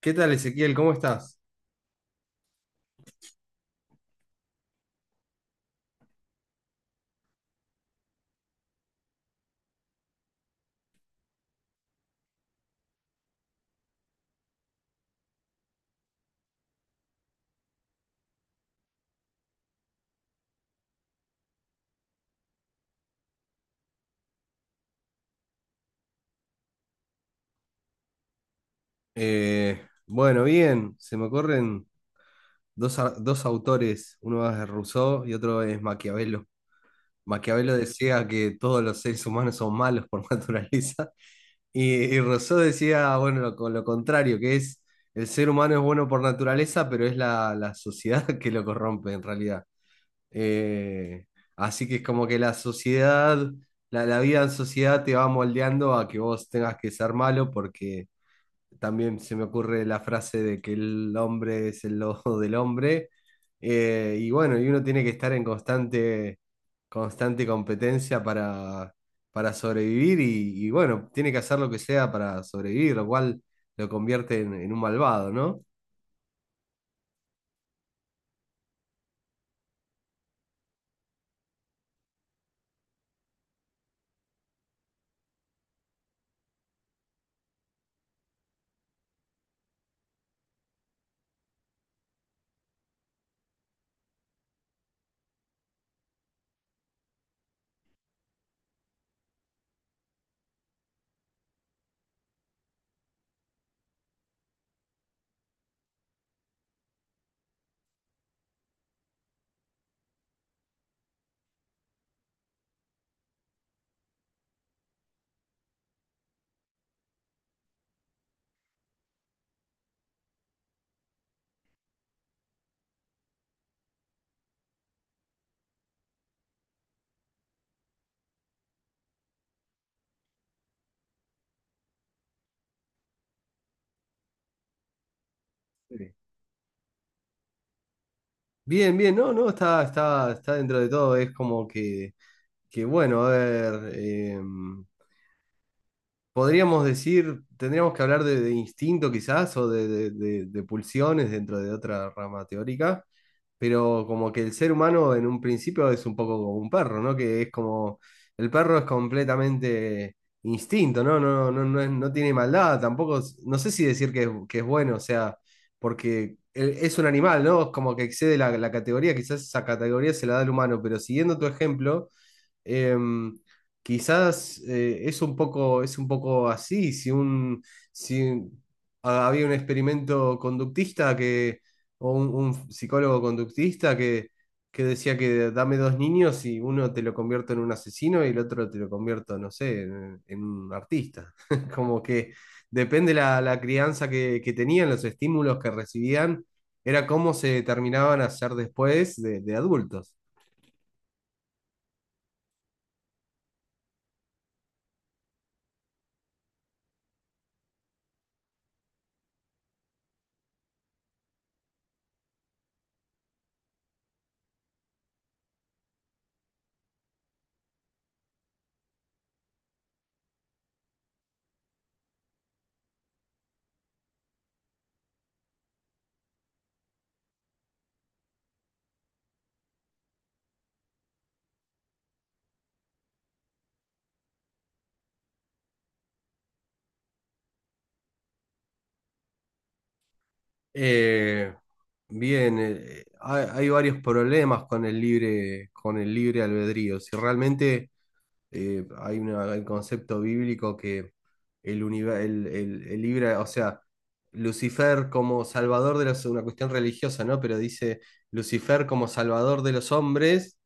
¿Qué tal, Ezequiel? ¿Cómo estás? Bueno, bien, se me ocurren dos, dos autores, uno es Rousseau y otro es Maquiavelo. Maquiavelo decía que todos los seres humanos son malos por naturaleza y Rousseau decía, bueno, con lo contrario, que es el ser humano es bueno por naturaleza, pero es la sociedad que lo corrompe en realidad. Eh, Así que es como que la vida en sociedad te va moldeando a que vos tengas que ser malo porque también se me ocurre la frase de que el hombre es el lobo del hombre. Y bueno, y uno tiene que estar en constante competencia para sobrevivir y bueno, tiene que hacer lo que sea para sobrevivir, lo cual lo convierte en un malvado, ¿no? Sí. Bien, bien, no, no, está dentro de todo, es como que bueno, a ver, podríamos decir, tendríamos que hablar de instinto quizás o de pulsiones dentro de otra rama teórica, pero como que el ser humano en un principio es un poco como un perro, ¿no? Que es como, el perro es completamente instinto, ¿no? No, no, no, no tiene maldad, tampoco, no sé si decir que que es bueno, o sea, porque... Es un animal, ¿no? Es como que excede la categoría, quizás esa categoría se la da al humano, pero siguiendo tu ejemplo. Em, Quizás es un poco así, si había un experimento conductista que, o un psicólogo conductista que decía que dame dos niños y uno te lo convierto en un asesino y el otro te lo convierto, no sé, en un artista. Como que depende la crianza que tenían, los estímulos que recibían, era cómo se terminaban a ser después de adultos. Eh, Bien, hay varios problemas con con el libre albedrío. Si realmente hay un concepto bíblico que el, univer- el libre, o sea, Lucifer como salvador de los, una cuestión religiosa, ¿no? Pero dice Lucifer como salvador de los hombres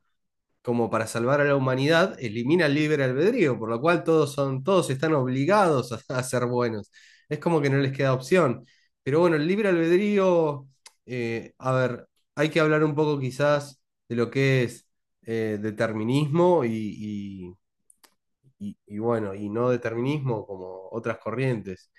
como para salvar a la humanidad, elimina el libre albedrío, por lo cual todos están obligados a, a ser buenos. Es como que no les queda opción. Pero bueno, el libre albedrío, a ver, hay que hablar un poco quizás de lo que es determinismo y bueno, y no determinismo como otras corrientes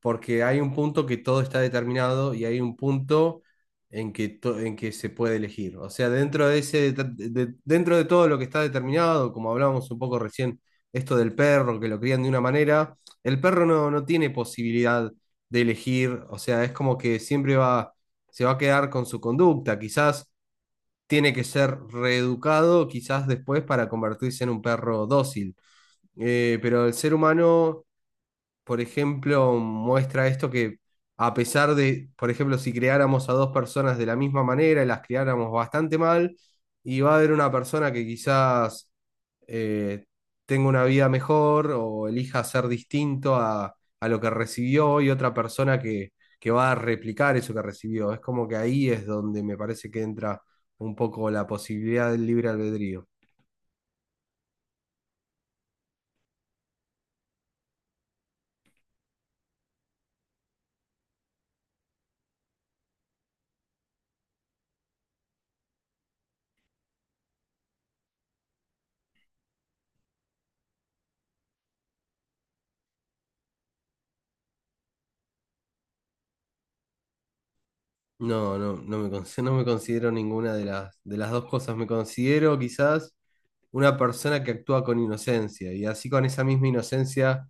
porque hay un punto que todo está determinado y hay un punto en en que se puede elegir. O sea, dentro de ese, dentro de todo lo que está determinado, como hablábamos un poco recién, esto del perro, que lo crían de una manera, el perro no, no tiene posibilidad de elegir, o sea, es como que siempre va, se va a quedar con su conducta, quizás tiene que ser reeducado, quizás después para convertirse en un perro dócil. Pero el ser humano por ejemplo, muestra esto que a pesar de, por ejemplo, si creáramos a dos personas de la misma manera y las criáramos bastante mal, y va a haber una persona que quizás eh, tenga una vida mejor o elija ser distinto a lo que recibió y otra persona que va a replicar eso que recibió. Es como que ahí es donde me parece que entra un poco la posibilidad del libre albedrío. No, no, no me, no me considero ninguna de de las dos cosas. Me considero quizás una persona que actúa con inocencia y así con esa misma inocencia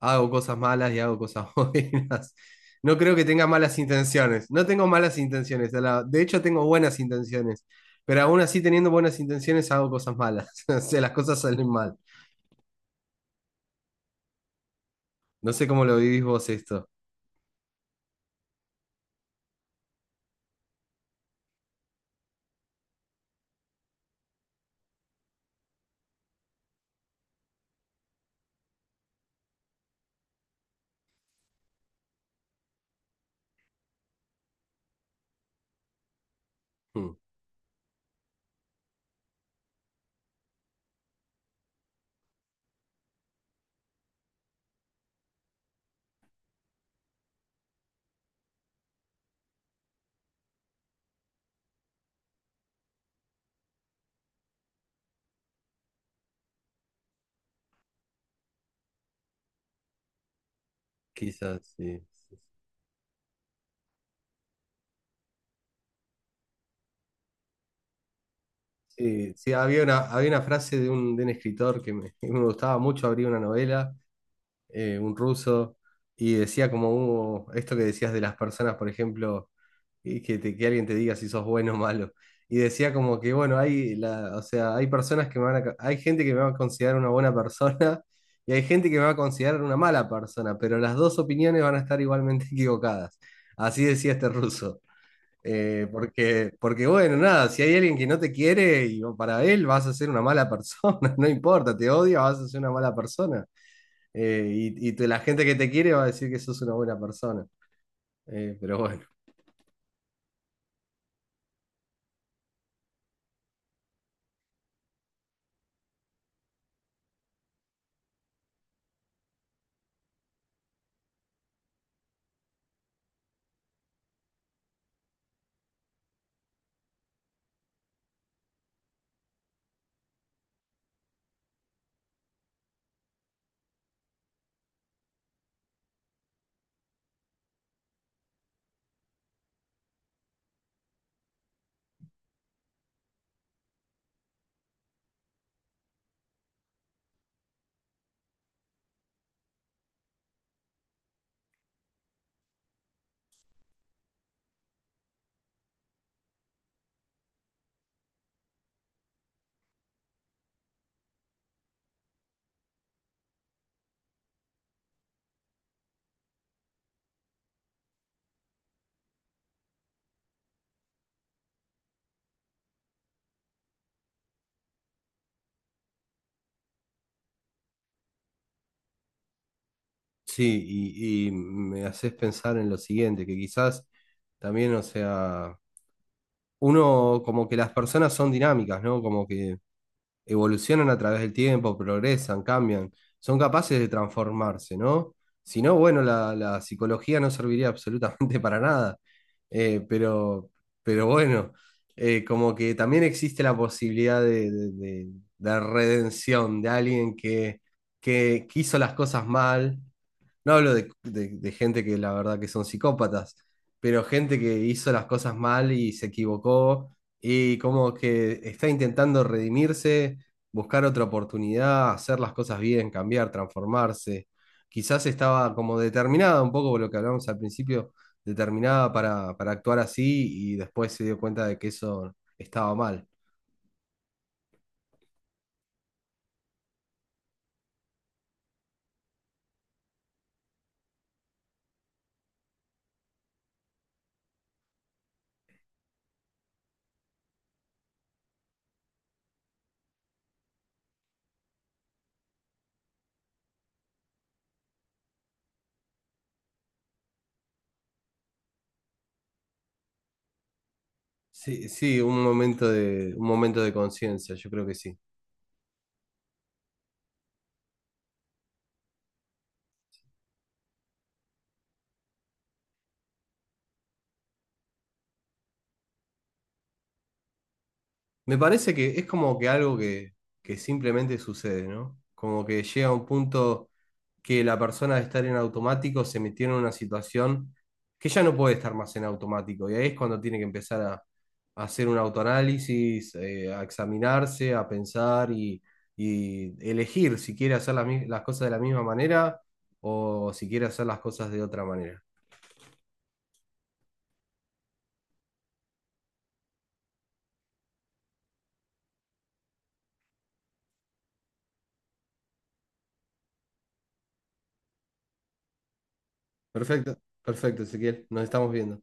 hago cosas malas y hago cosas buenas. No creo que tenga malas intenciones, no tengo malas intenciones, de hecho tengo buenas intenciones, pero aún así teniendo buenas intenciones hago cosas malas, o sea, las cosas salen mal. No sé cómo lo vivís vos esto. Hmm, quizás, sí. Sí, sí. Sí, sí, había había una frase de un escritor que que me gustaba mucho, abría una novela. Un ruso, y decía como esto que decías de las personas, por ejemplo, y que, que alguien te diga si sos bueno o malo. Y decía como que, bueno, o sea, hay personas que me van hay gente que me va a considerar una buena persona y hay gente que me va a considerar una mala persona, pero las dos opiniones van a estar igualmente equivocadas. Así decía este ruso. Porque, porque, bueno, nada, si hay alguien que no te quiere, y para él vas a ser una mala persona, no importa, te odia, vas a ser una mala persona. La gente que te quiere va a decir que sos una buena persona. Pero bueno, sí, y me haces pensar en lo siguiente, que quizás también, o sea, uno como que las personas son dinámicas, ¿no? Como que evolucionan a través del tiempo, progresan, cambian, son capaces de transformarse, ¿no? Si no, bueno, la psicología no serviría absolutamente para nada. Eh, pero, pero bueno, como que también existe la posibilidad de redención de alguien que hizo las cosas mal, no hablo de gente que la verdad que son psicópatas, pero gente que hizo las cosas mal y se equivocó y como que está intentando redimirse, buscar otra oportunidad, hacer las cosas bien, cambiar, transformarse. Quizás estaba como determinada, un poco por lo que hablamos al principio, determinada para actuar así y después se dio cuenta de que eso estaba mal. Sí, sí, un momento de conciencia, yo creo que sí. Me parece que es como que algo que simplemente sucede, ¿no? Como que llega un punto que la persona de estar en automático se metió en una situación que ya no puede estar más en automático. Y ahí es cuando tiene que empezar a hacer un autoanálisis, a examinarse, a pensar y elegir si quiere hacer las cosas de la misma manera o si quiere hacer las cosas de otra manera. Perfecto, perfecto, Ezequiel. Nos estamos viendo.